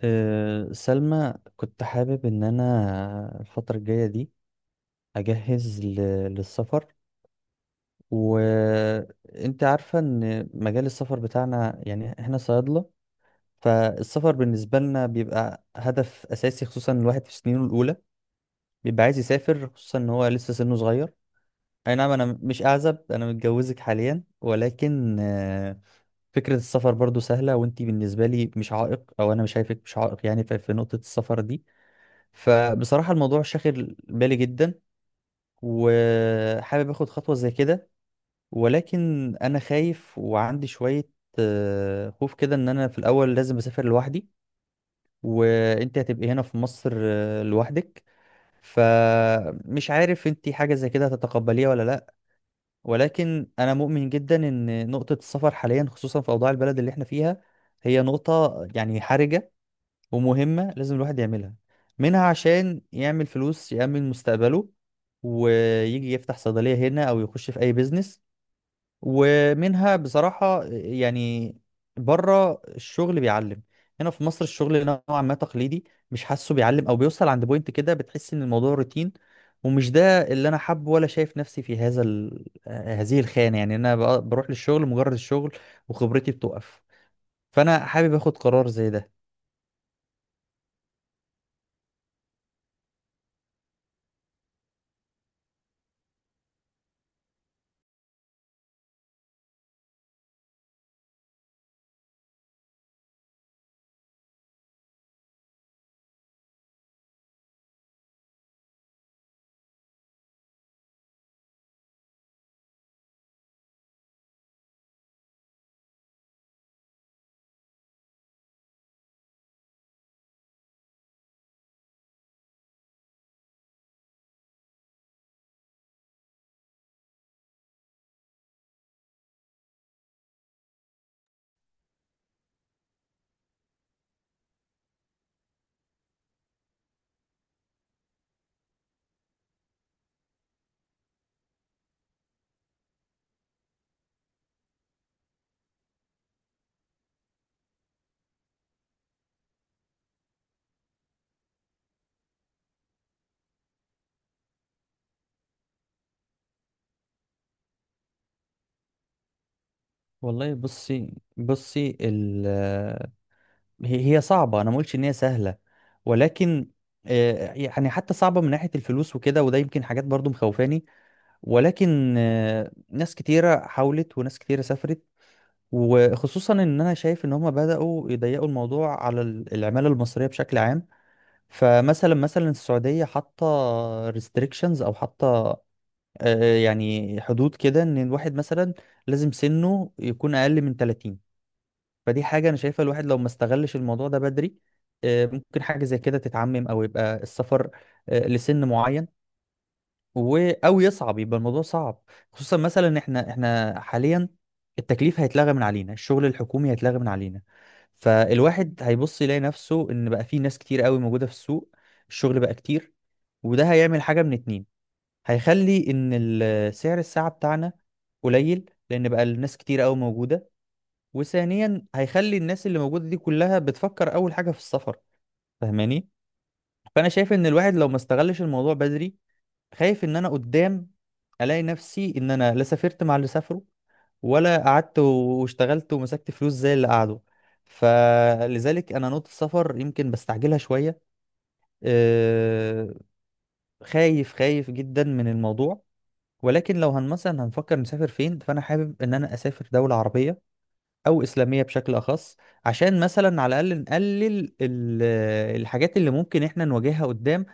أه سلمى، كنت حابب إن أنا الفترة الجاية دي أجهز للسفر. وأنت عارفة إن مجال السفر بتاعنا يعني إحنا صيادلة، فالسفر بالنسبة لنا بيبقى هدف أساسي، خصوصا الواحد في سنينه الأولى بيبقى عايز يسافر، خصوصا إن هو لسه سنه صغير. أي نعم أنا مش أعزب، أنا متجوزك حاليا، ولكن فكرة السفر برضو سهلة، وانتي بالنسبة لي مش عائق، او انا مش شايفك مش عائق يعني في نقطة السفر دي. فبصراحة الموضوع شاغل بالي جدا، وحابب اخد خطوة زي كده، ولكن انا خايف وعندي شوية خوف كده، ان انا في الاول لازم اسافر لوحدي وانت هتبقي هنا في مصر لوحدك. فمش عارف انت حاجة زي كده هتتقبليها ولا لا. ولكن انا مؤمن جدا ان نقطة السفر حاليا، خصوصا في اوضاع البلد اللي احنا فيها، هي نقطة يعني حرجة ومهمة لازم الواحد يعملها. منها عشان يعمل فلوس يأمن مستقبله ويجي يفتح صيدلية هنا أو يخش في أي بيزنس، ومنها بصراحة يعني بره الشغل بيعلم. هنا في مصر الشغل نوعا ما تقليدي، مش حاسه بيعلم أو بيوصل عند بوينت كده بتحس إن الموضوع روتين. ومش ده اللي أنا حابه، ولا شايف نفسي في هذه الخانة، يعني أنا بروح للشغل مجرد الشغل وخبرتي بتوقف. فأنا حابب آخد قرار زي ده. والله بصي هي صعبة، أنا ما قلتش إن هي سهلة، ولكن يعني حتى صعبة من ناحية الفلوس وكده، وده يمكن حاجات برضو مخوفاني. ولكن ناس كتيرة حاولت وناس كتيرة سافرت، وخصوصا إن أنا شايف إن هما بدأوا يضيقوا الموضوع على العمالة المصرية بشكل عام. فمثلا السعودية حاطة restrictions أو حاطة يعني حدود كده، إن الواحد مثلا لازم سنه يكون أقل من 30. فدي حاجة أنا شايفها، الواحد لو ما استغلش الموضوع ده بدري، ممكن حاجة زي كده تتعمم أو يبقى السفر لسن معين أو يصعب يبقى الموضوع صعب. خصوصا مثلا إن إحنا حاليا التكليف هيتلغى من علينا، الشغل الحكومي هيتلغى من علينا. فالواحد هيبص يلاقي نفسه إن بقى في ناس كتير قوي موجودة في السوق، الشغل بقى كتير، وده هيعمل حاجة من اتنين. هيخلي إن سعر الساعة بتاعنا قليل لأن بقى الناس كتير قوي موجودة، وثانيا هيخلي الناس اللي موجودة دي كلها بتفكر أول حاجة في السفر، فاهماني؟ فأنا شايف إن الواحد لو ما استغلش الموضوع بدري، خايف إن أنا قدام ألاقي نفسي إن أنا لا سافرت مع اللي سافروا، ولا قعدت واشتغلت ومسكت فلوس زي اللي قعدوا. فلذلك أنا نقطة السفر يمكن بستعجلها شوية. أه، خايف جدا من الموضوع. ولكن لو هن مثلا هنفكر نسافر فين، فأنا حابب إن أنا أسافر دولة عربية او اسلاميه بشكل اخص، عشان مثلا على الاقل نقلل الحاجات اللي ممكن احنا نواجهها قدام.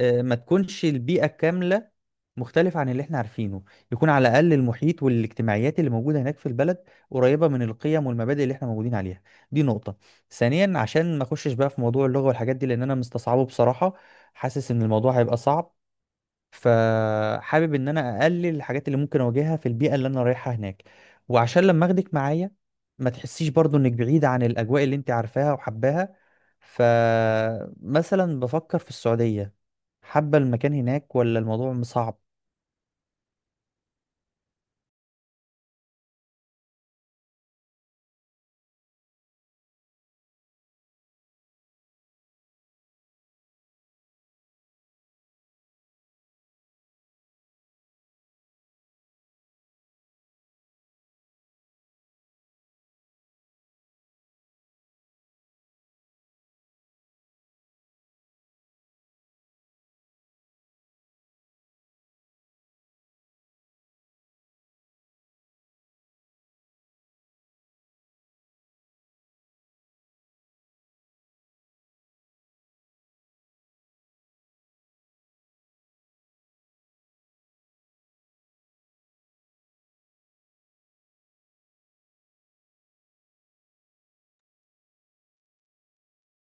ما تكونش البيئه كامله مختلفه عن اللي احنا عارفينه، يكون على الاقل المحيط والاجتماعيات اللي موجوده هناك في البلد قريبه من القيم والمبادئ اللي احنا موجودين عليها. دي نقطه. ثانيا عشان ما اخشش بقى في موضوع اللغه والحاجات دي، لان انا مستصعبه بصراحه، حاسس ان الموضوع هيبقى صعب، فحابب ان انا اقلل الحاجات اللي ممكن اواجهها في البيئه اللي انا رايحها هناك. وعشان لما اخدك معايا ما تحسيش برضو انك بعيده عن الاجواء اللي انت عارفاها وحباها. فمثلا بفكر في السعوديه، حابه المكان هناك ولا الموضوع صعب؟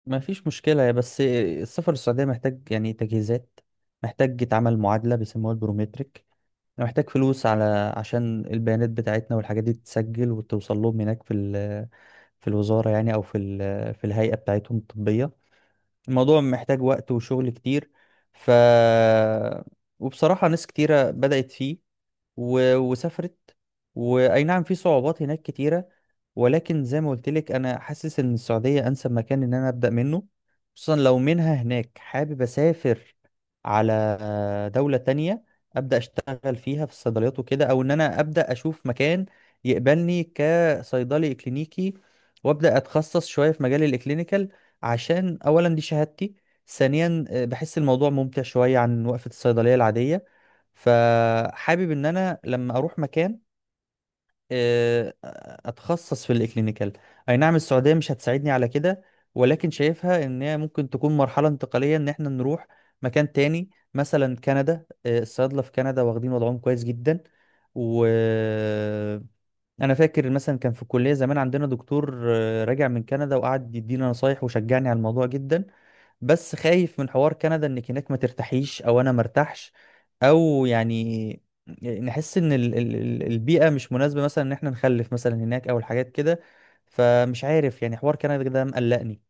ما فيش مشكله يا بس السفر للسعوديه محتاج يعني تجهيزات، محتاج يتعمل معادله بيسموها البروميتريك. أنا محتاج فلوس على عشان البيانات بتاعتنا والحاجات دي تتسجل وتوصل لهم هناك في في الوزارة، يعني أو في في الهيئة بتاعتهم الطبية. الموضوع محتاج وقت وشغل كتير. ف وبصراحة ناس كتيرة بدأت فيه وسافرت. واي نعم في صعوبات هناك كتيره، ولكن زي ما قلت لك انا حاسس ان السعوديه انسب مكان ان انا ابدا منه، خصوصا لو منها هناك حابب اسافر على دوله تانية ابدا اشتغل فيها في الصيدليات وكده، او ان انا ابدا اشوف مكان يقبلني كصيدلي اكلينيكي وابدا اتخصص شويه في مجال الاكلينيكال. عشان اولا دي شهادتي، ثانيا بحس الموضوع ممتع شويه عن وقفه الصيدليه العاديه. فحابب ان انا لما اروح مكان آه، اتخصص في الاكلينيكال. اي نعم السعوديه مش هتساعدني على كده، ولكن شايفها ان هي ممكن تكون مرحله انتقاليه ان احنا نروح مكان تاني مثلا كندا. الصيادله في كندا واخدين وضعهم كويس جدا. وانا فاكر مثلا كان في الكليه زمان عندنا دكتور راجع من كندا، وقعد يدينا نصايح وشجعني على الموضوع جدا. بس خايف من حوار كندا، انك هناك ما ترتاحيش او انا مرتاحش، او يعني نحس ان البيئة مش مناسبة، مثلا ان احنا نخلف مثلا هناك، او الحاجات كده. فمش عارف يعني حوار كندا ده مقلقني.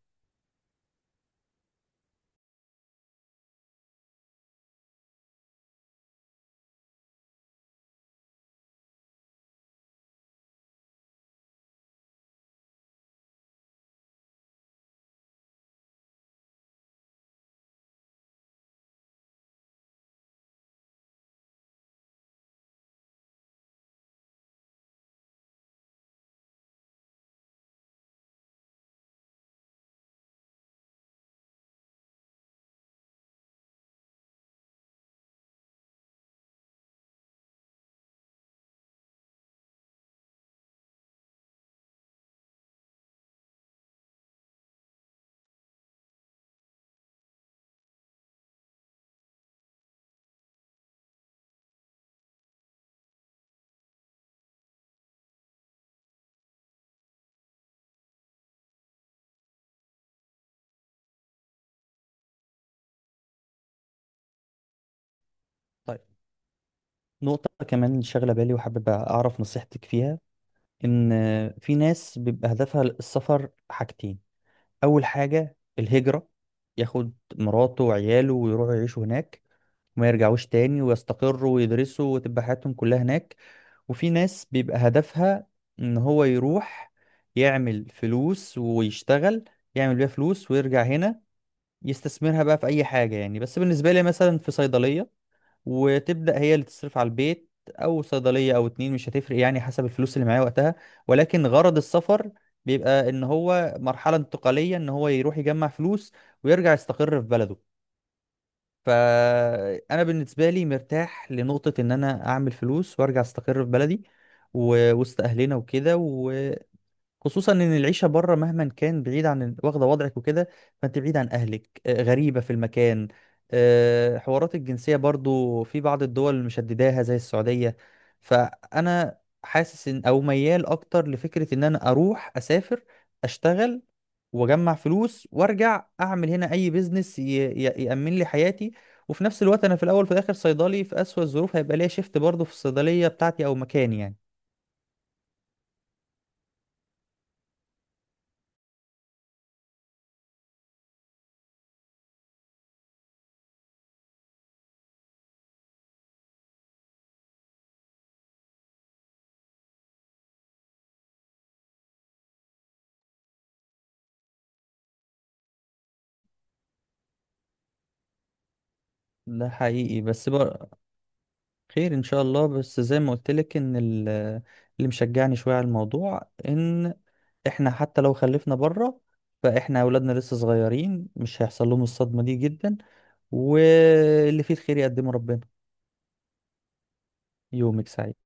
طيب، نقطة كمان شاغلة بالي وحابب اعرف نصيحتك فيها، ان في ناس بيبقى هدفها السفر حاجتين. اول حاجة الهجرة، ياخد مراته وعياله ويروحوا يعيشوا هناك وما يرجعوش تاني، ويستقروا ويدرسوا وتبقى حياتهم كلها هناك. وفي ناس بيبقى هدفها ان هو يروح يعمل فلوس ويشتغل، يعمل بيها فلوس ويرجع هنا يستثمرها بقى في اي حاجة، يعني بس بالنسبة لي مثلا في صيدلية، وتبدأ هي اللي تصرف على البيت، او صيدلية او اتنين مش هتفرق يعني، حسب الفلوس اللي معايا وقتها. ولكن غرض السفر بيبقى ان هو مرحلة انتقالية، ان هو يروح يجمع فلوس ويرجع يستقر في بلده. فانا بالنسبه لي مرتاح لنقطه ان انا اعمل فلوس وارجع استقر في بلدي وسط اهلنا وكده. خصوصا ان العيشه بره مهما كان بعيد عن واخده وضعك وكده، فانت بعيد عن اهلك، غريبه في المكان، حوارات الجنسيه برضو في بعض الدول مشدداها زي السعوديه. فانا حاسس ان او ميال اكتر لفكره ان انا اروح اسافر اشتغل واجمع فلوس وارجع اعمل هنا اي بيزنس يامن لي حياتي. وفي نفس الوقت انا في الاول وفي الاخر صيدلي، في اسوأ الظروف هيبقى ليا شيفت برضو في الصيدليه بتاعتي او مكاني يعني. ده حقيقي بس. خير ان شاء الله. بس زي ما قلت لك ان اللي مشجعني شويه على الموضوع ان احنا حتى لو خلفنا بره، فاحنا اولادنا لسه صغيرين مش هيحصل لهم الصدمه دي جدا. واللي فيه الخير يقدمه ربنا. يومك سعيد.